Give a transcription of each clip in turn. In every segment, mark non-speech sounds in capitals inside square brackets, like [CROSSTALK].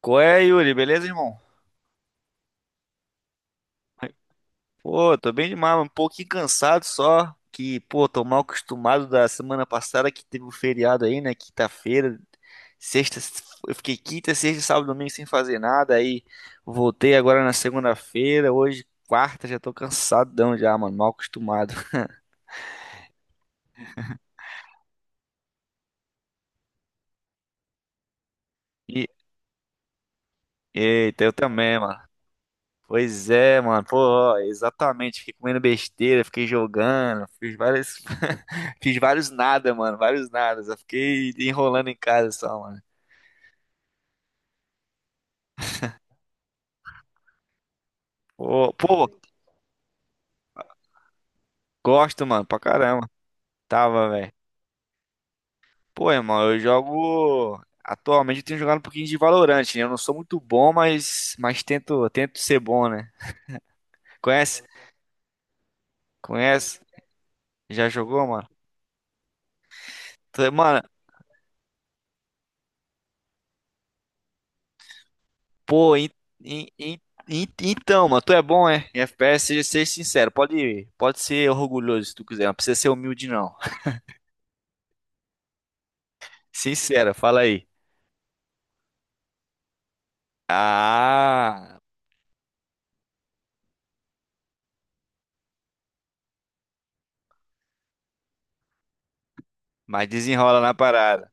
Qual é, Yuri? Beleza, irmão? Pô, tô bem demais, um pouquinho cansado só. Que, pô, tô mal acostumado da semana passada que teve o feriado aí, né? Quinta-feira, sexta. Eu fiquei quinta, sexta, sábado, domingo sem fazer nada. Aí voltei agora na segunda-feira. Hoje, quarta, já tô cansadão já, mano. Mal acostumado. E, eita, eu também, mano. Pois é, mano. Pô, ó, exatamente. Fiquei comendo besteira, fiquei jogando, [LAUGHS] fiz vários nada, mano, vários nada. Só fiquei enrolando em casa só, mano. Pô, gosto, mano, pra caramba. Tava, velho. Pô, irmão, eu jogo. Atualmente eu tenho jogado um pouquinho de Valorant, né? Eu não sou muito bom, mas tento, tento ser bom, né? Conhece? Conhece? Já jogou, mano? Mano. Pô, en- en- então, mano, tu é bom, é? Em FPS, seja, seja sincero, pode, pode ser orgulhoso se tu quiser, não precisa ser humilde, não. [LAUGHS] Sincera, fala aí. Ah, mas desenrola na parada.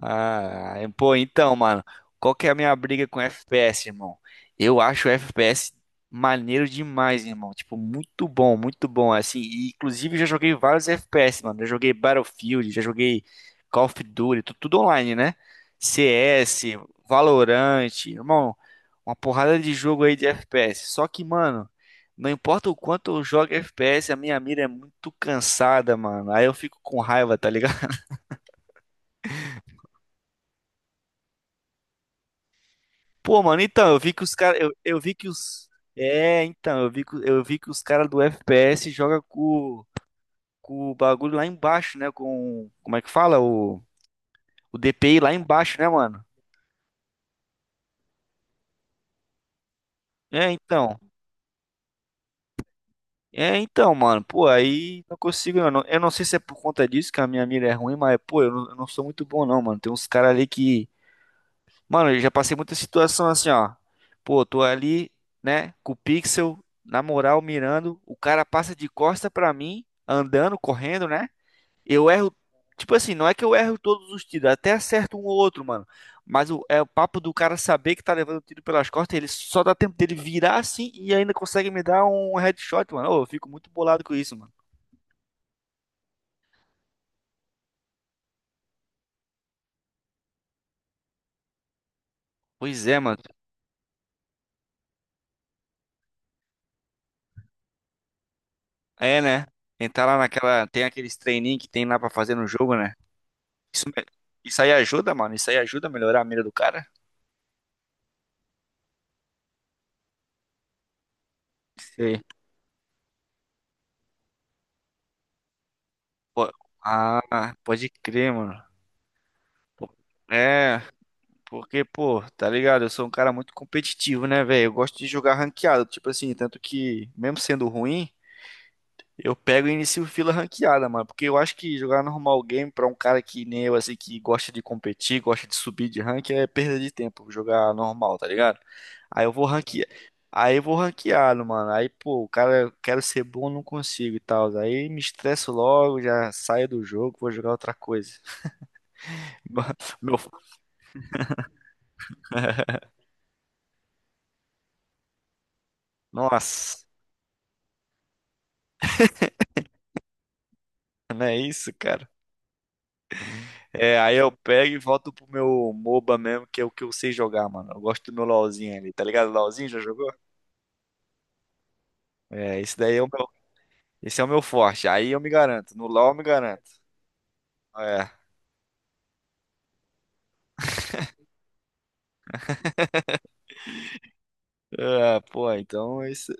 Ah, pô, então, mano, qual que é a minha briga com FPS, irmão? Eu acho o FPS maneiro demais, irmão. Tipo, muito bom, muito bom. Assim, inclusive eu já joguei vários FPS, mano. Já joguei Battlefield, já joguei Call of Duty, tudo online, né? CS, Valorant, irmão, uma porrada de jogo aí de FPS. Só que, mano, não importa o quanto eu jogo FPS, a minha mira é muito cansada, mano. Aí eu fico com raiva, tá ligado? Pô, mano, então, eu vi que os caras. Eu vi que os. É, então, eu vi que os caras do FPS jogam com o bagulho lá embaixo, né? Com. Como é que fala? O DPI lá embaixo, né, mano? É, então. É, então, mano. Pô, aí não consigo. Eu não sei se é por conta disso que a minha mira é ruim, mas, pô, eu não sou muito bom, não, mano. Tem uns caras ali que. Mano, eu já passei muita situação assim, ó. Pô, tô ali, né, com o pixel, na moral, mirando. O cara passa de costa pra mim, andando, correndo, né? Eu erro. Tipo assim, não é que eu erro todos os tiros, até acerto um ou outro, mano. É o papo do cara saber que tá levando o tiro pelas costas, ele só dá tempo dele virar assim e ainda consegue me dar um headshot, mano. Ô, eu fico muito bolado com isso, mano. Pois é, mano. É, né? Entrar lá naquela. Tem aqueles treininhos que tem lá pra fazer no jogo, né? Isso, isso aí ajuda, mano. Isso aí ajuda a melhorar a mira do cara? Sei. Pô, ah, pode crer, mano. Pô, é, porque, pô, tá ligado? Eu sou um cara muito competitivo, né, velho? Eu gosto de jogar ranqueado, tipo assim, tanto que, mesmo sendo ruim. Eu pego e inicio fila ranqueada, mano, porque eu acho que jogar normal game pra um cara que nem eu, assim, que gosta de competir, gosta de subir de rank, é perda de tempo jogar normal, tá ligado? Aí eu vou ranquear. Aí eu vou ranqueado, mano. Aí, pô, o cara, quero ser bom, não consigo e tal. Aí me estresso logo, já saio do jogo, vou jogar outra coisa. [LAUGHS] Meu, nossa, não é isso, cara? É, aí eu pego e volto pro meu MOBA mesmo, que é o que eu sei jogar, mano. Eu gosto do meu LOLzinho ali, tá ligado? LOLzinho já jogou? É, esse daí é o meu, esse é o meu forte. Aí eu me garanto. No LoL eu me garanto. É. É, pô, então esse.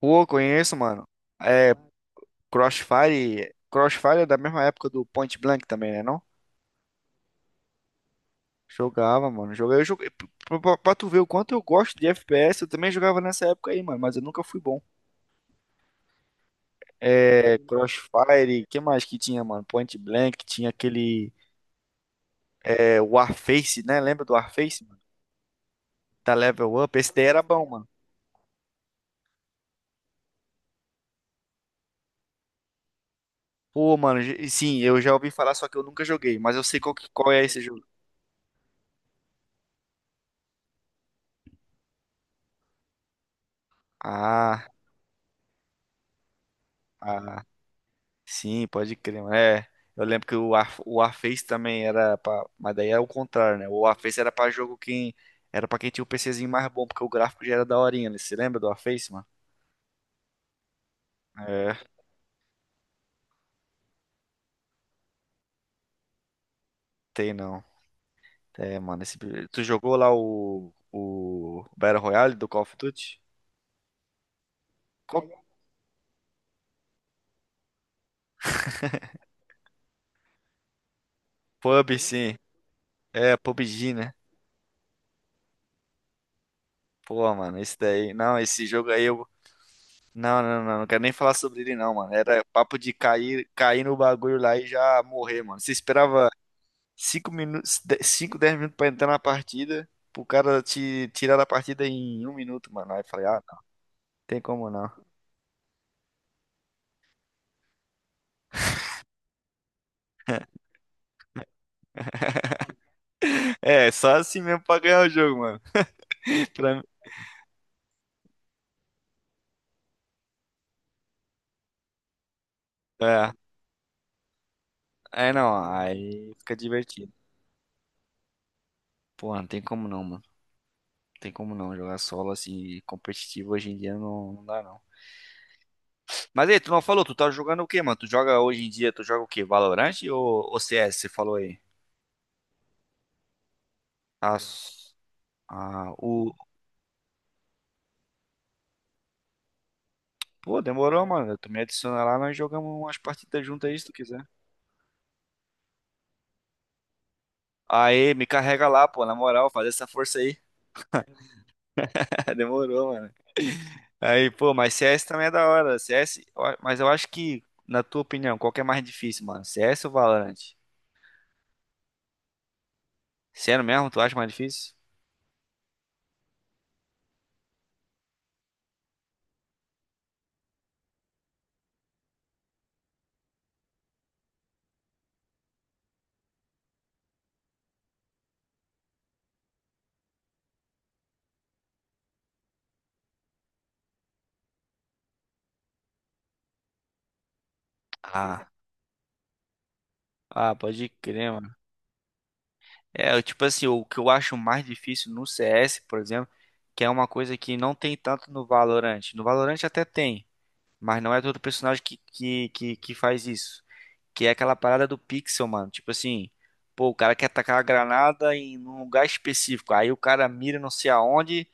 Pô, conheço, mano. É, Crossfire. Crossfire é da mesma época do Point Blank também, né, não? Jogava, mano. Joguei, eu joguei. Pra tu ver o quanto eu gosto de FPS, eu também jogava nessa época aí, mano, mas eu nunca fui bom. É, Crossfire, que mais que tinha, mano? Point Blank, tinha aquele Warface, né? Lembra do Warface, mano? Da Level Up, esse daí era bom, mano. Pô, mano, sim, eu já ouvi falar, só que eu nunca joguei, mas eu sei qual é esse jogo. Ah, ah, sim, pode crer, mano. É, eu lembro que o Warface também mas daí é o contrário, né? O Warface era pra quem tinha o PCzinho mais bom, porque o gráfico já era daorinha, né? Você lembra do Warface, mano? É, tem não. É, mano, tu jogou lá o Battle Royale do Call of Duty? Qual- sim. É, PUBG, né? Pô, mano, esse daí, não, esse jogo aí eu. Não, não, não, não quero nem falar sobre ele, não, mano. Era papo de cair, cair no bagulho lá e já morrer, mano. Você esperava 5 minutos, 5 10 minutos pra entrar na partida, pro cara te tirar da partida em 1 minuto, mano. Aí eu falei, ah, não, tem como não. [LAUGHS] É, só assim mesmo pra ganhar o jogo, mano. [LAUGHS] Pra mim, é, não, aí fica divertido. Pô, não tem como não, mano. Não tem como não. Jogar solo assim, competitivo hoje em dia não, não dá, não. Mas aí, tu não falou, tu tá jogando o quê, mano? Tu joga hoje em dia, tu joga o quê? Valorant ou CS, você falou aí? Ah, ah. Pô, demorou, mano. Tu me adiciona lá, nós jogamos umas partidas juntas aí, se tu quiser. Aí, me carrega lá, pô, na moral, faz essa força aí. [LAUGHS] Demorou, mano. Aí, pô, mas CS também é da hora. CS, ó, mas eu acho que, na tua opinião, qual que é mais difícil, mano? CS ou Valorant? Sério mesmo, tu acha mais difícil? Ah, ah, pode crer. É, eu, tipo assim, o que eu acho mais difícil no CS, por exemplo, que é uma coisa que não tem tanto no Valorant. No Valorant até tem, mas não é todo personagem que faz isso. Que é aquela parada do pixel, mano. Tipo assim, pô, o cara quer atacar a granada em um lugar específico. Aí o cara mira não sei aonde,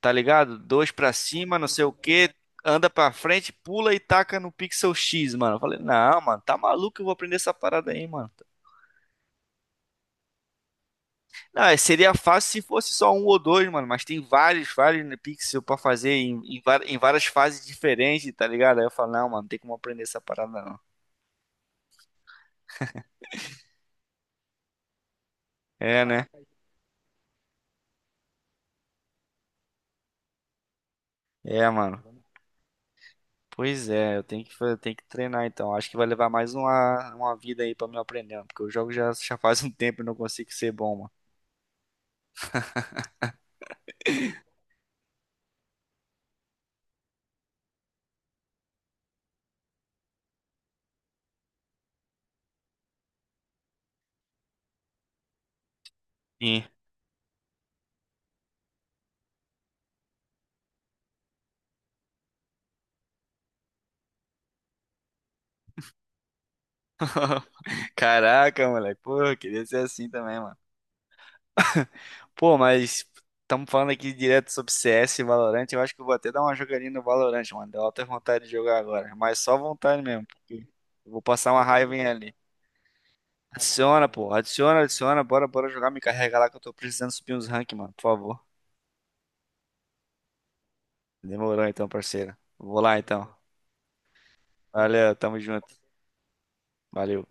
tá ligado? Dois pra cima, não sei o que, anda pra frente, pula e taca no pixel X, mano. Eu falei, não, mano, tá maluco, eu vou aprender essa parada aí, mano. Ah, seria fácil se fosse só um ou dois, mano. Mas tem vários, vários né, pixels pra fazer em várias fases diferentes, tá ligado? Aí eu falo, não, mano, não tem como aprender essa parada, não. É, né? É, mano. Pois é, eu tenho que treinar então. Acho que vai levar mais uma vida aí pra me aprender, mano, porque o jogo já faz um tempo e não consigo ser bom, mano. Sim. Caraca, moleque. Pô, eu queria ser assim também, mano. [LAUGHS] Pô, mas estamos falando aqui direto sobre CS e Valorant. Eu acho que eu vou até dar uma jogadinha no Valorant, mano. Deu alta vontade de jogar agora. Mas só vontade mesmo, porque eu vou passar uma raivinha ali. Adiciona, pô. Adiciona, adiciona. Bora, bora jogar. Me carrega lá que eu tô precisando subir uns rank, mano. Por favor. Demorou então, parceiro. Vou lá então. Valeu, tamo junto. Valeu.